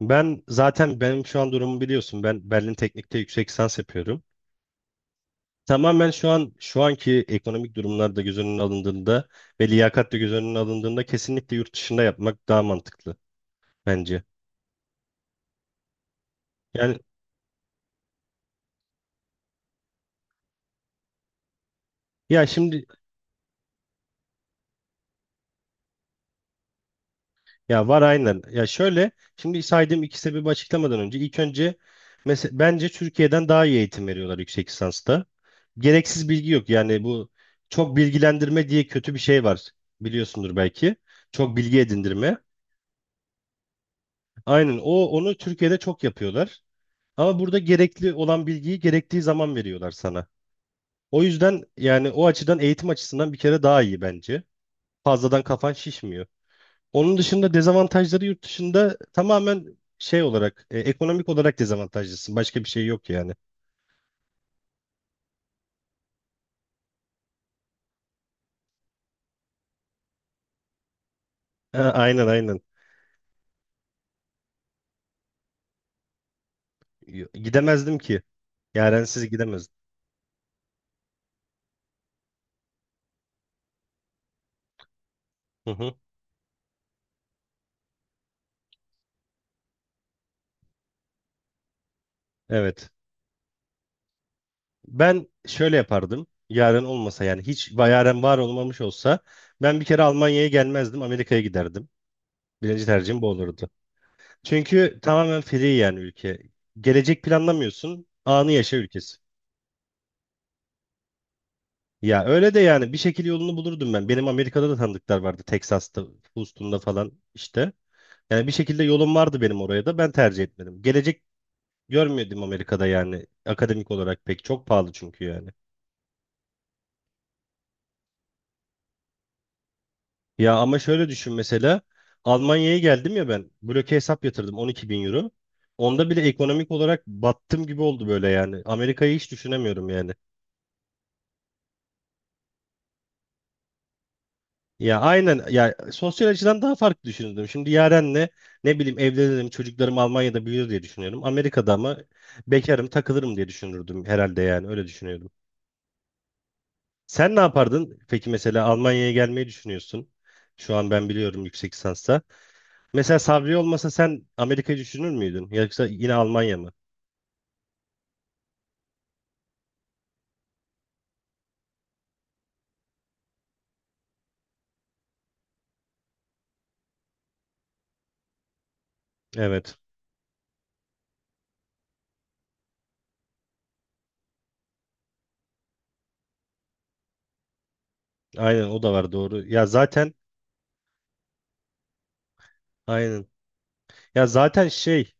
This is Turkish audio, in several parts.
Ben zaten benim şu an durumumu biliyorsun. Ben Berlin Teknik'te yüksek lisans yapıyorum. Tamamen şu an şu anki ekonomik durumlar da göz önüne alındığında ve liyakat da göz önüne alındığında kesinlikle yurt dışında yapmak daha mantıklı bence. Yani ya şimdi ya var aynen. Ya şöyle şimdi saydığım iki sebebi açıklamadan önce ilk önce mesela bence Türkiye'den daha iyi eğitim veriyorlar yüksek lisansta. Gereksiz bilgi yok. Yani bu çok bilgilendirme diye kötü bir şey var. Biliyorsundur belki. Çok bilgi edindirme. Aynen, onu Türkiye'de çok yapıyorlar. Ama burada gerekli olan bilgiyi gerektiği zaman veriyorlar sana. O yüzden yani o açıdan eğitim açısından bir kere daha iyi bence. Fazladan kafan şişmiyor. Onun dışında dezavantajları yurt dışında tamamen şey olarak ekonomik olarak dezavantajlısın. Başka bir şey yok yani. Ha, aynen aynen. Gidemezdim ki. Yarensiz gidemezdim. Hı hı. Evet. Ben şöyle yapardım. Yaren olmasa yani hiç Yaren var olmamış olsa ben bir kere Almanya'ya gelmezdim. Amerika'ya giderdim. Birinci tercihim bu olurdu. Çünkü tamamen free yani ülke. Gelecek planlamıyorsun. Anı yaşa ülkesi. Ya öyle de yani bir şekilde yolunu bulurdum ben. Benim Amerika'da da tanıdıklar vardı. Texas'ta, Houston'da falan işte. Yani bir şekilde yolum vardı benim oraya da. Ben tercih etmedim. Gelecek görmüyordum Amerika'da yani. Akademik olarak pek çok pahalı çünkü yani. Ya ama şöyle düşün mesela. Almanya'ya geldim ya ben. Bloke hesap yatırdım 12 bin euro. Onda bile ekonomik olarak battım gibi oldu böyle yani. Amerika'yı hiç düşünemiyorum yani. Ya aynen ya sosyal açıdan daha farklı düşünürdüm. Şimdi Yaren'le ne bileyim evlenirim, çocuklarım Almanya'da büyür diye düşünüyorum. Amerika'da ama bekarım, takılırım diye düşünürdüm herhalde yani öyle düşünüyordum. Sen ne yapardın? Peki mesela Almanya'ya gelmeyi düşünüyorsun. Şu an ben biliyorum yüksek lisansa. Mesela Sabri olmasa sen Amerika'yı düşünür müydün? Yoksa yine Almanya mı? Evet. Aynen o da var doğru. Ya zaten aynen. Ya zaten şey.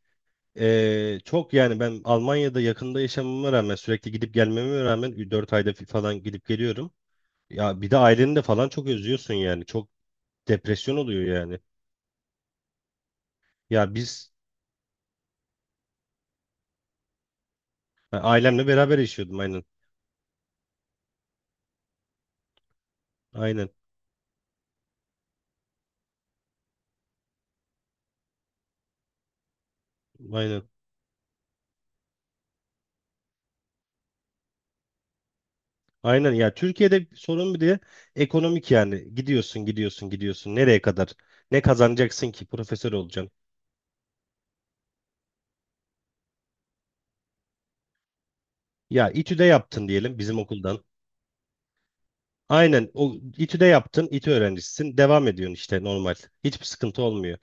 Çok yani ben Almanya'da yakında yaşamama rağmen sürekli gidip gelmeme rağmen 4 ayda falan gidip geliyorum. Ya bir de aileni de falan çok özlüyorsun yani. Çok depresyon oluyor yani. Ya biz Ben ailemle beraber yaşıyordum aynen. Aynen. Aynen. Aynen ya Türkiye'de sorun bir de ekonomik yani. Gidiyorsun gidiyorsun gidiyorsun. Nereye kadar? Ne kazanacaksın ki? Profesör olacaksın. Ya İTÜ'de yaptın diyelim bizim okuldan. Aynen o İTÜ'de yaptın, İTÜ öğrencisisin. Devam ediyorsun işte normal. Hiçbir sıkıntı olmuyor.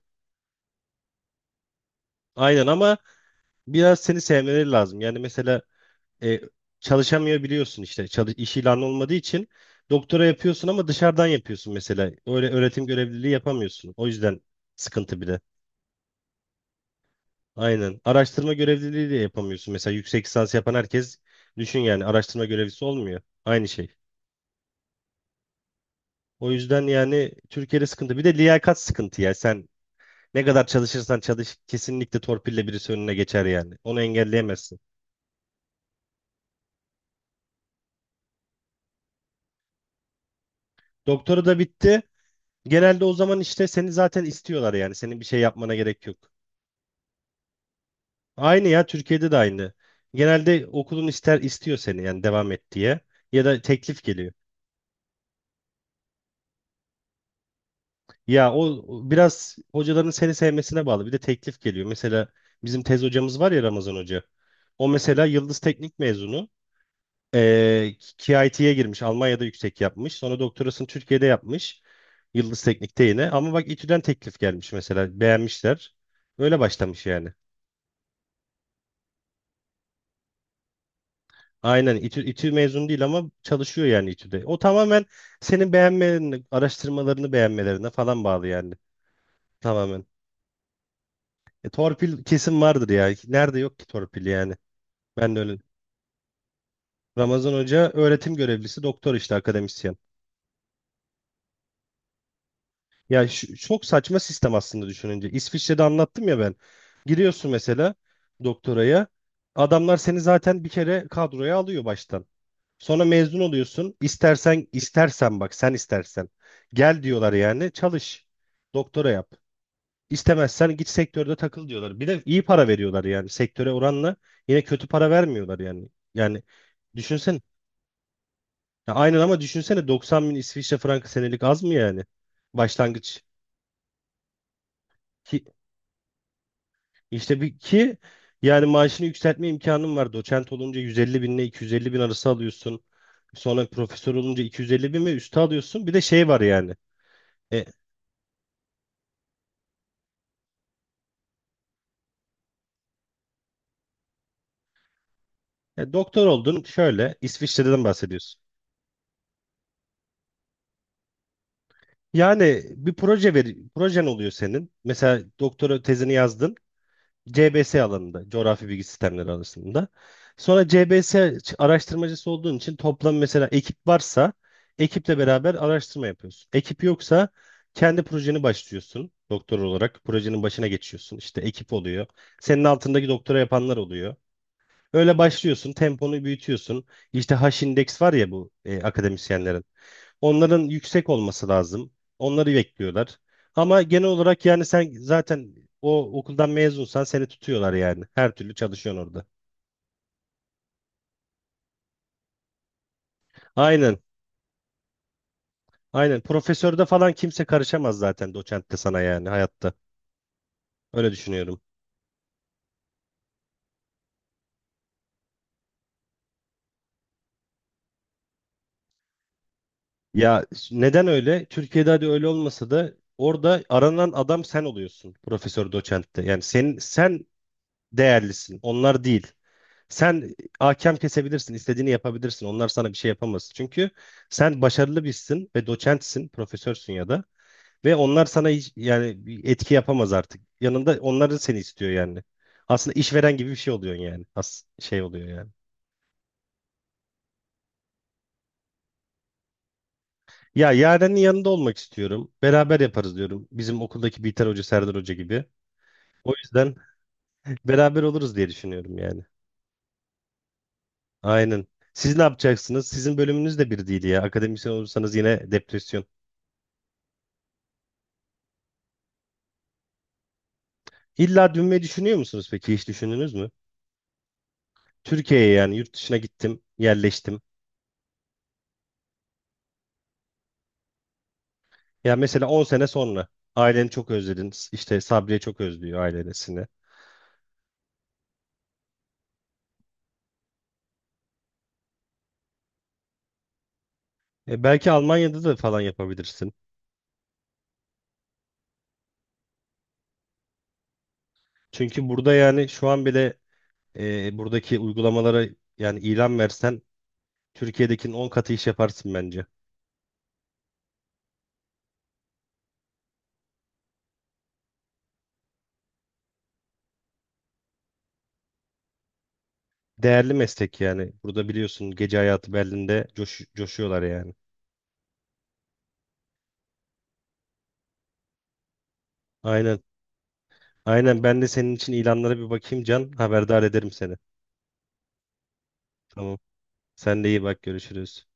Aynen ama biraz seni sevmeleri lazım. Yani mesela e, çalışamıyor biliyorsun işte çalış, iş ilanı olmadığı için doktora yapıyorsun ama dışarıdan yapıyorsun mesela. Öyle öğretim görevliliği yapamıyorsun. O yüzden sıkıntı bir de. Aynen. Araştırma görevliliği de yapamıyorsun. Mesela yüksek lisans yapan herkes düşün yani araştırma görevlisi olmuyor. Aynı şey. O yüzden yani Türkiye'de sıkıntı. Bir de liyakat sıkıntı ya. Sen ne kadar çalışırsan çalış kesinlikle torpille birisi önüne geçer yani. Onu engelleyemezsin. Doktora da bitti. Genelde o zaman işte seni zaten istiyorlar yani. Senin bir şey yapmana gerek yok. Aynı ya Türkiye'de de aynı. Genelde okulun ister istiyor seni yani devam et diye. Ya da teklif geliyor. Ya o biraz hocaların seni sevmesine bağlı. Bir de teklif geliyor. Mesela bizim tez hocamız var ya Ramazan Hoca. O mesela Yıldız Teknik mezunu. Ee, KIT'ye girmiş. Almanya'da yüksek yapmış. Sonra doktorasını Türkiye'de yapmış. Yıldız Teknik'te yine. Ama bak İTÜ'den teklif gelmiş mesela. Beğenmişler. Öyle başlamış yani. Aynen, İTÜ mezun değil ama çalışıyor yani İTÜ'de. O tamamen senin beğenmelerini, araştırmalarını beğenmelerine falan bağlı yani. Tamamen. Torpil kesin vardır ya. Nerede yok ki torpil yani. Ben de öyle. Ramazan Hoca öğretim görevlisi, doktor işte akademisyen. Ya çok saçma sistem aslında düşününce. İsviçre'de anlattım ya ben. Giriyorsun mesela doktoraya. Adamlar seni zaten bir kere kadroya alıyor baştan. Sonra mezun oluyorsun. İstersen istersen bak sen istersen. Gel diyorlar yani çalış. Doktora yap. İstemezsen git sektörde takıl diyorlar. Bir de iyi para veriyorlar yani sektöre oranla. Yine kötü para vermiyorlar yani. Yani düşünsen. Ya aynen ama düşünsene 90 bin İsviçre frankı senelik az mı yani? Başlangıç. Ki, işte bir ki yani maaşını yükseltme imkanın var. Doçent olunca 150 bin ile 250 bin arası alıyorsun. Sonra profesör olunca 250 bin ve üstü alıyorsun. Bir de şey var yani. E, doktor oldun şöyle İsviçre'den bahsediyorsun. Yani bir proje ver, projen oluyor senin. Mesela doktora tezini yazdın. C B S alanında, coğrafi bilgi sistemleri alanında. Sonra C B CBS araştırmacısı olduğun için toplam mesela ekip varsa ekiple beraber araştırma yapıyorsun. Ekip yoksa kendi projeni başlıyorsun doktor olarak. Projenin başına geçiyorsun. İşte ekip oluyor. Senin altındaki doktora yapanlar oluyor. Öyle başlıyorsun, temponu büyütüyorsun. İşte h indeks var ya bu akademisyenlerin. Onların yüksek olması lazım. Onları bekliyorlar. Ama genel olarak yani sen zaten o okuldan mezunsan seni tutuyorlar yani. Her türlü çalışıyorsun orada. Aynen. Aynen. Profesörde falan kimse karışamaz zaten doçentte sana yani hayatta. Öyle düşünüyorum. Ya neden öyle? Türkiye'de hadi öyle olmasa da orada aranan adam sen oluyorsun profesör doçentte. Yani sen değerlisin. Onlar değil. Sen hakem kesebilirsin, istediğini yapabilirsin. Onlar sana bir şey yapamaz. Çünkü sen başarılı birisin ve doçentsin, profesörsün ya da ve onlar sana hiç, yani bir etki yapamaz artık. Yanında onlar seni istiyor yani. Aslında işveren gibi bir şey oluyorsun yani. Şey oluyor yani. Ya Yaren'in yanında olmak istiyorum. Beraber yaparız diyorum. Bizim okuldaki Biter Hoca, Serdar Hoca gibi. O yüzden beraber oluruz diye düşünüyorum yani. Aynen. Siz ne yapacaksınız? Sizin bölümünüz de bir değil ya. Akademisyen olursanız yine depresyon. İlla dönmeyi düşünüyor musunuz peki? Hiç düşündünüz mü? Türkiye'ye yani yurt dışına gittim, yerleştim. Ya mesela 10 sene sonra aileni çok özledin. İşte Sabriye çok özlüyor ailesini. E belki Almanya'da da falan yapabilirsin. Çünkü burada yani şu an bile buradaki uygulamalara yani ilan versen Türkiye'dekinin 10 katı iş yaparsın bence. Değerli meslek yani. Burada biliyorsun gece hayatı Berlin'de coşuyorlar yani. Aynen. Aynen ben de senin için ilanlara bir bakayım Can. Haberdar ederim seni. Tamam. Sen de iyi bak görüşürüz.